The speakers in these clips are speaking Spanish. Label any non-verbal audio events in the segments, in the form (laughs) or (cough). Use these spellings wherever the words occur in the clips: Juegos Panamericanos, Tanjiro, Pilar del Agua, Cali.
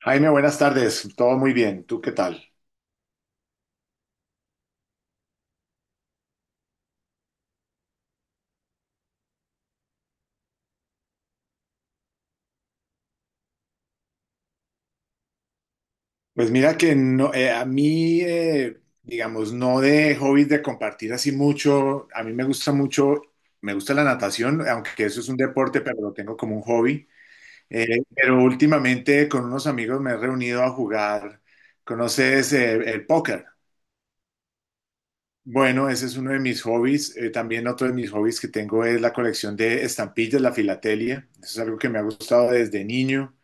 Jaime, buenas tardes. Todo muy bien. ¿Tú qué tal? Pues mira que no, a mí, digamos, no de hobbies de compartir así mucho. A mí me gusta mucho, me gusta la natación, aunque eso es un deporte, pero lo tengo como un hobby. Pero últimamente con unos amigos me he reunido a jugar. ¿Conoces el póker? Bueno, ese es uno de mis hobbies. También otro de mis hobbies que tengo es la colección de estampillas, la filatelia. Eso es algo que me ha gustado desde niño.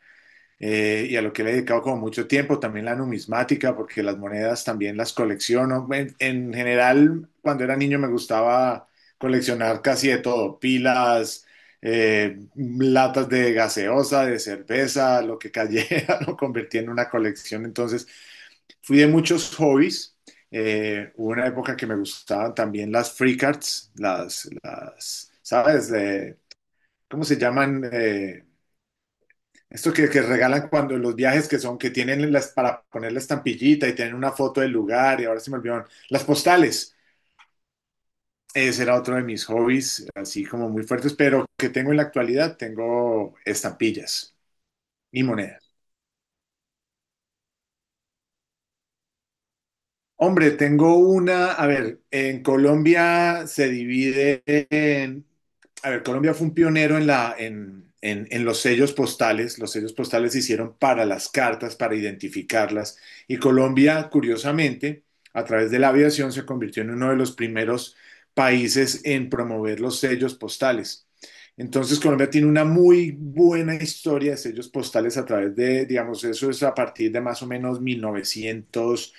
Y a lo que le he dedicado como mucho tiempo, también la numismática, porque las monedas también las colecciono. En general, cuando era niño me gustaba coleccionar casi de todo, pilas, latas de gaseosa, de cerveza, lo que cayera, (laughs) lo convertí en una colección. Entonces, fui de muchos hobbies. Hubo una época que me gustaban también las free cards, las ¿sabes? De, ¿cómo se llaman? Esto que regalan cuando los viajes que son, que tienen las, para poner la estampillita y tienen una foto del lugar, y ahora se me olvidaron, las postales. Ese era otro de mis hobbies, así como muy fuertes, pero que tengo en la actualidad, tengo estampillas y monedas. Hombre, tengo una, a ver, en Colombia se divide en, a ver, Colombia fue un pionero en la, en los sellos postales. Los sellos postales se hicieron para las cartas, para identificarlas. Y Colombia, curiosamente, a través de la aviación se convirtió en uno de los primeros países en promover los sellos postales. Entonces, Colombia tiene una muy buena historia de sellos postales a través de, digamos, eso es a partir de más o menos 1900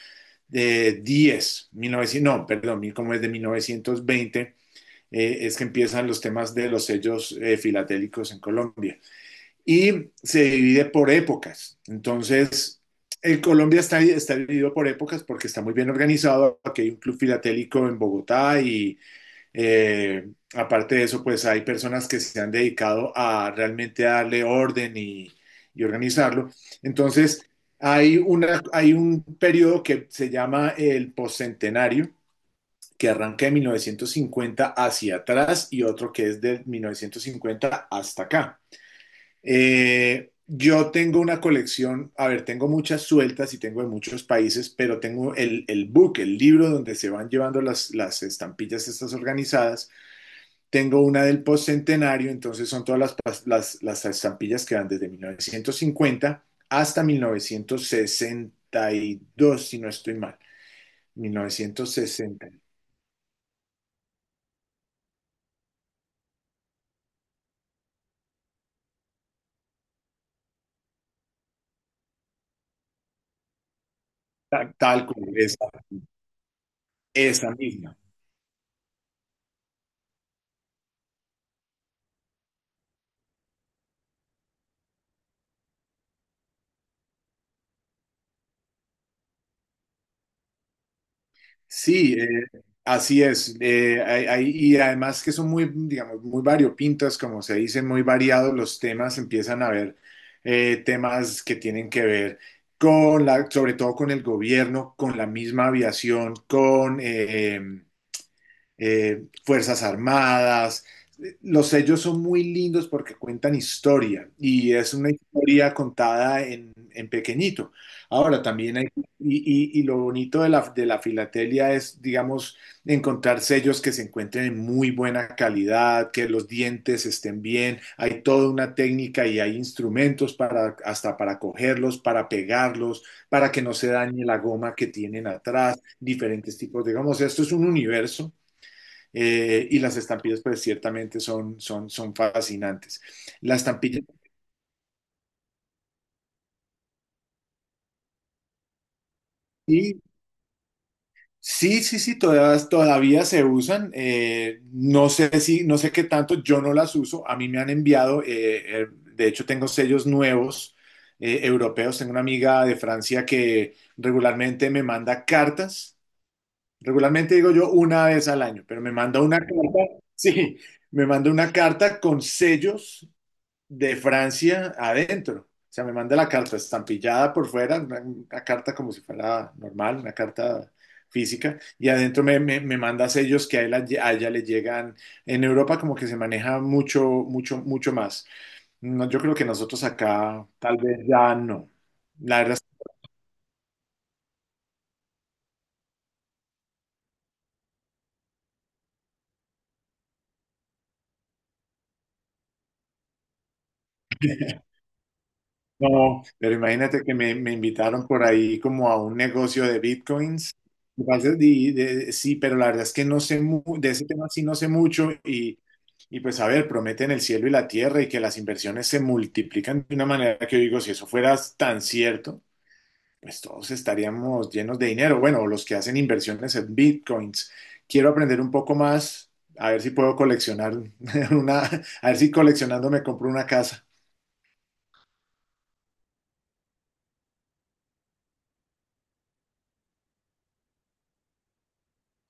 10, 19, no, perdón, como es de 1920, es que empiezan los temas de los sellos filatélicos en Colombia. Y se divide por épocas. Entonces, el Colombia está, está dividido por épocas porque está muy bien organizado. Aquí hay un club filatélico en Bogotá y aparte de eso, pues hay personas que se han dedicado a realmente darle orden y organizarlo. Entonces, hay un periodo que se llama el postcentenario, que arranca de 1950 hacia atrás y otro que es de 1950 hasta acá. Yo tengo una colección, a ver, tengo muchas sueltas y tengo de muchos países, pero tengo el book, el libro donde se van llevando las estampillas estas organizadas, tengo una del postcentenario, entonces son todas las, las estampillas que van desde 1950 hasta 1962, si no estoy mal. 1960. Tal, tal como esa misma. Sí, así es. Y además que son muy, digamos, muy variopintas, como se dice, muy variados los temas. Empiezan a haber temas que tienen que ver con la, sobre todo con el gobierno, con la misma aviación, con Fuerzas Armadas. Los sellos son muy lindos porque cuentan historia y es una historia contada en pequeñito. Ahora también hay, y, y lo bonito de la filatelia es, digamos, encontrar sellos que se encuentren en muy buena calidad, que los dientes estén bien, hay toda una técnica y hay instrumentos para, hasta para cogerlos, para pegarlos, para que no se dañe la goma que tienen atrás, diferentes tipos, digamos, esto es un universo y las estampillas, pues ciertamente son, son fascinantes. Las estampillas, sí, sí, sí, sí, todas, todavía se usan. No sé si, no sé qué tanto, yo no las uso. A mí me han enviado, de hecho, tengo sellos nuevos europeos. Tengo una amiga de Francia que regularmente me manda cartas. Regularmente digo yo una vez al año, pero me manda una carta, (laughs) sí, me manda una carta con sellos de Francia adentro. O sea, me manda la carta estampillada por fuera, una carta como si fuera normal, una carta física, y adentro me manda sellos que a ella le llegan. En Europa como que se maneja mucho, mucho, mucho más. No, yo creo que nosotros acá tal vez ya no. La verdad. No, pero imagínate que me invitaron por ahí como a un negocio de bitcoins. Me parece- y de- sí, pero la verdad es que no sé mu- de ese tema sí no sé mucho y pues a ver, prometen el cielo y la tierra y que las inversiones se multiplican de una manera que yo digo, si eso fuera tan cierto, pues todos estaríamos llenos de dinero. Bueno, los que hacen inversiones en bitcoins. Quiero aprender un poco más, a ver si puedo coleccionar (laughs) una, a ver si coleccionando me compro una casa.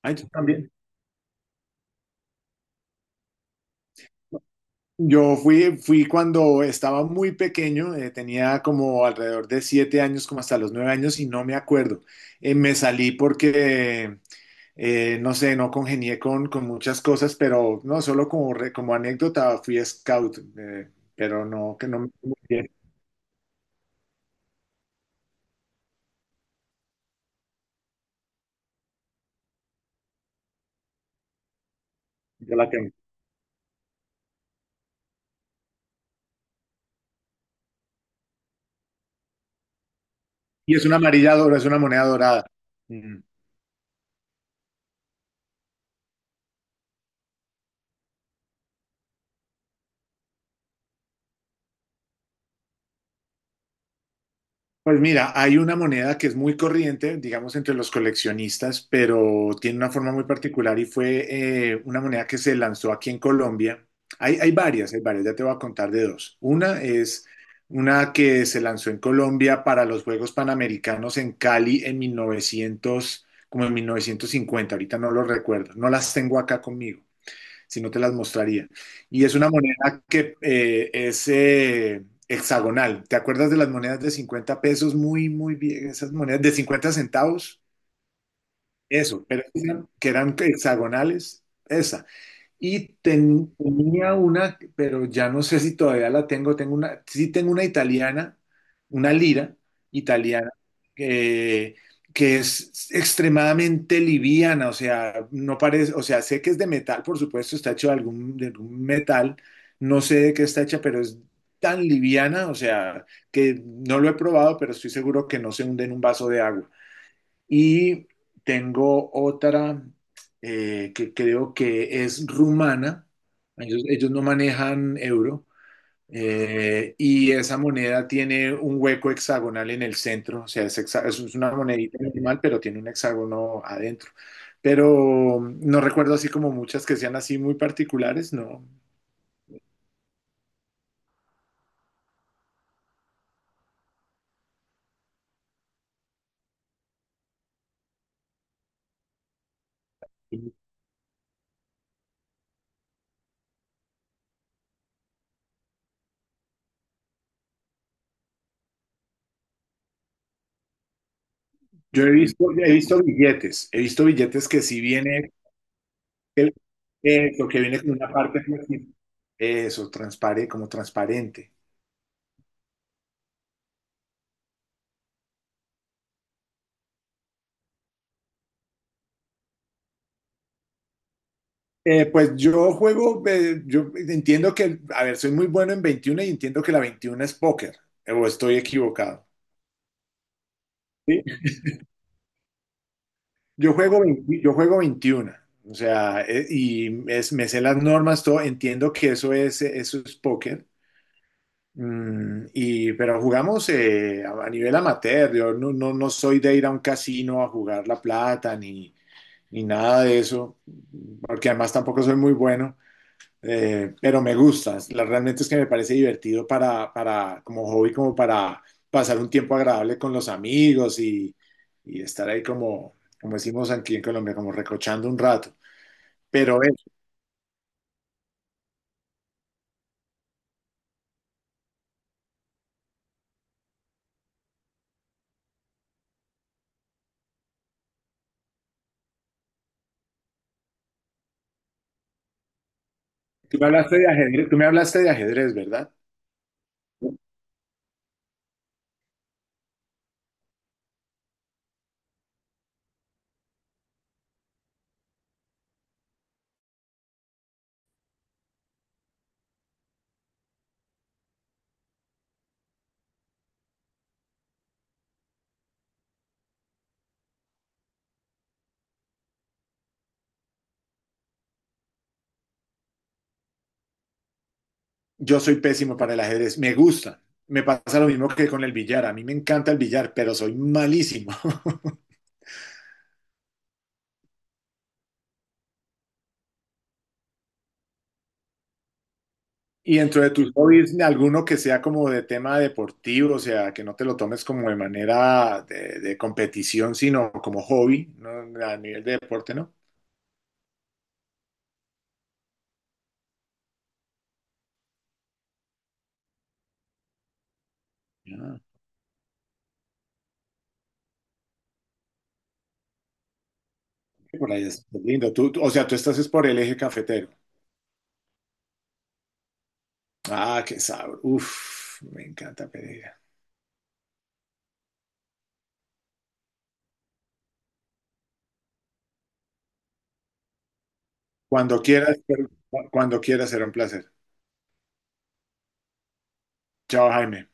Ay, tú también. Yo fui, fui cuando estaba muy pequeño, tenía como alrededor de 7 años, como hasta los 9 años, y no me acuerdo. Me salí porque, no sé, no congenié con muchas cosas, pero no, solo como, re- como anécdota, fui scout, pero no, que no me... muy bien. Yo la tengo. Y es una amarilla dorada, es una moneda dorada. Mm. Pues mira, hay una moneda que es muy corriente, digamos, entre los coleccionistas, pero tiene una forma muy particular y fue una moneda que se lanzó aquí en Colombia. Hay, hay varias, ya te voy a contar de dos. Una es una que se lanzó en Colombia para los Juegos Panamericanos en Cali en 1900, como en 1950, ahorita no lo recuerdo, no las tengo acá conmigo si no te las mostraría. Y es una moneda que es hexagonal. ¿Te acuerdas de las monedas de 50 pesos? Muy, muy bien, esas monedas de 50 centavos. Eso, pero eran- que eran hexagonales, esa. Y tenía una, pero ya no sé si todavía la tengo, tengo una, sí tengo una italiana, una lira italiana, que, que es extremadamente liviana, o sea, no parece, o sea, sé que es de metal, por supuesto, está hecho de algún metal, no sé de qué está hecha, pero es tan liviana, o sea, que no lo he probado, pero estoy seguro que no se hunde en un vaso de agua. Y tengo otra que creo que es rumana. Ellos no manejan euro. Y esa moneda tiene un hueco hexagonal en el centro. O sea, es una monedita normal, pero tiene un hexágono adentro. Pero no recuerdo así como muchas que sean así muy particulares, no. Yo he visto, billetes, he visto billetes que si viene. El- Eso, que viene con una parte plástico. Eso, transparente, como transparente. Pues yo juego, yo entiendo que, a ver, soy muy bueno en 21 y entiendo que la 21 es póker, o estoy equivocado. ¿Sí? Yo juego 21, o sea, me sé las normas, todo, entiendo que eso es póker. Pero jugamos a nivel amateur, yo no, no, no soy de ir a un casino a jugar la plata, ni nada de eso, porque además tampoco soy muy bueno, pero me gusta. Realmente es que me parece divertido como hobby, como para pasar un tiempo agradable con los amigos y estar ahí como, como decimos aquí en Colombia, como recochando un rato. Pero tú me hablaste de ajedrez, tú me hablaste de ajedrez, ¿verdad? Yo soy pésimo para el ajedrez, me gusta. Me pasa lo mismo que con el billar. A mí me encanta el billar, pero soy malísimo. Y dentro de tus hobbies, alguno que sea como de tema deportivo, o sea, que no te lo tomes como de manera de competición, sino como hobby, ¿no? A nivel de deporte, ¿no? Ah, por ahí es lindo. O sea, tú estás es por el eje cafetero. Ah, qué sabor. Uf, me encanta Pereira. Cuando quieras, pero- cuando quieras será un placer. Chao, Jaime.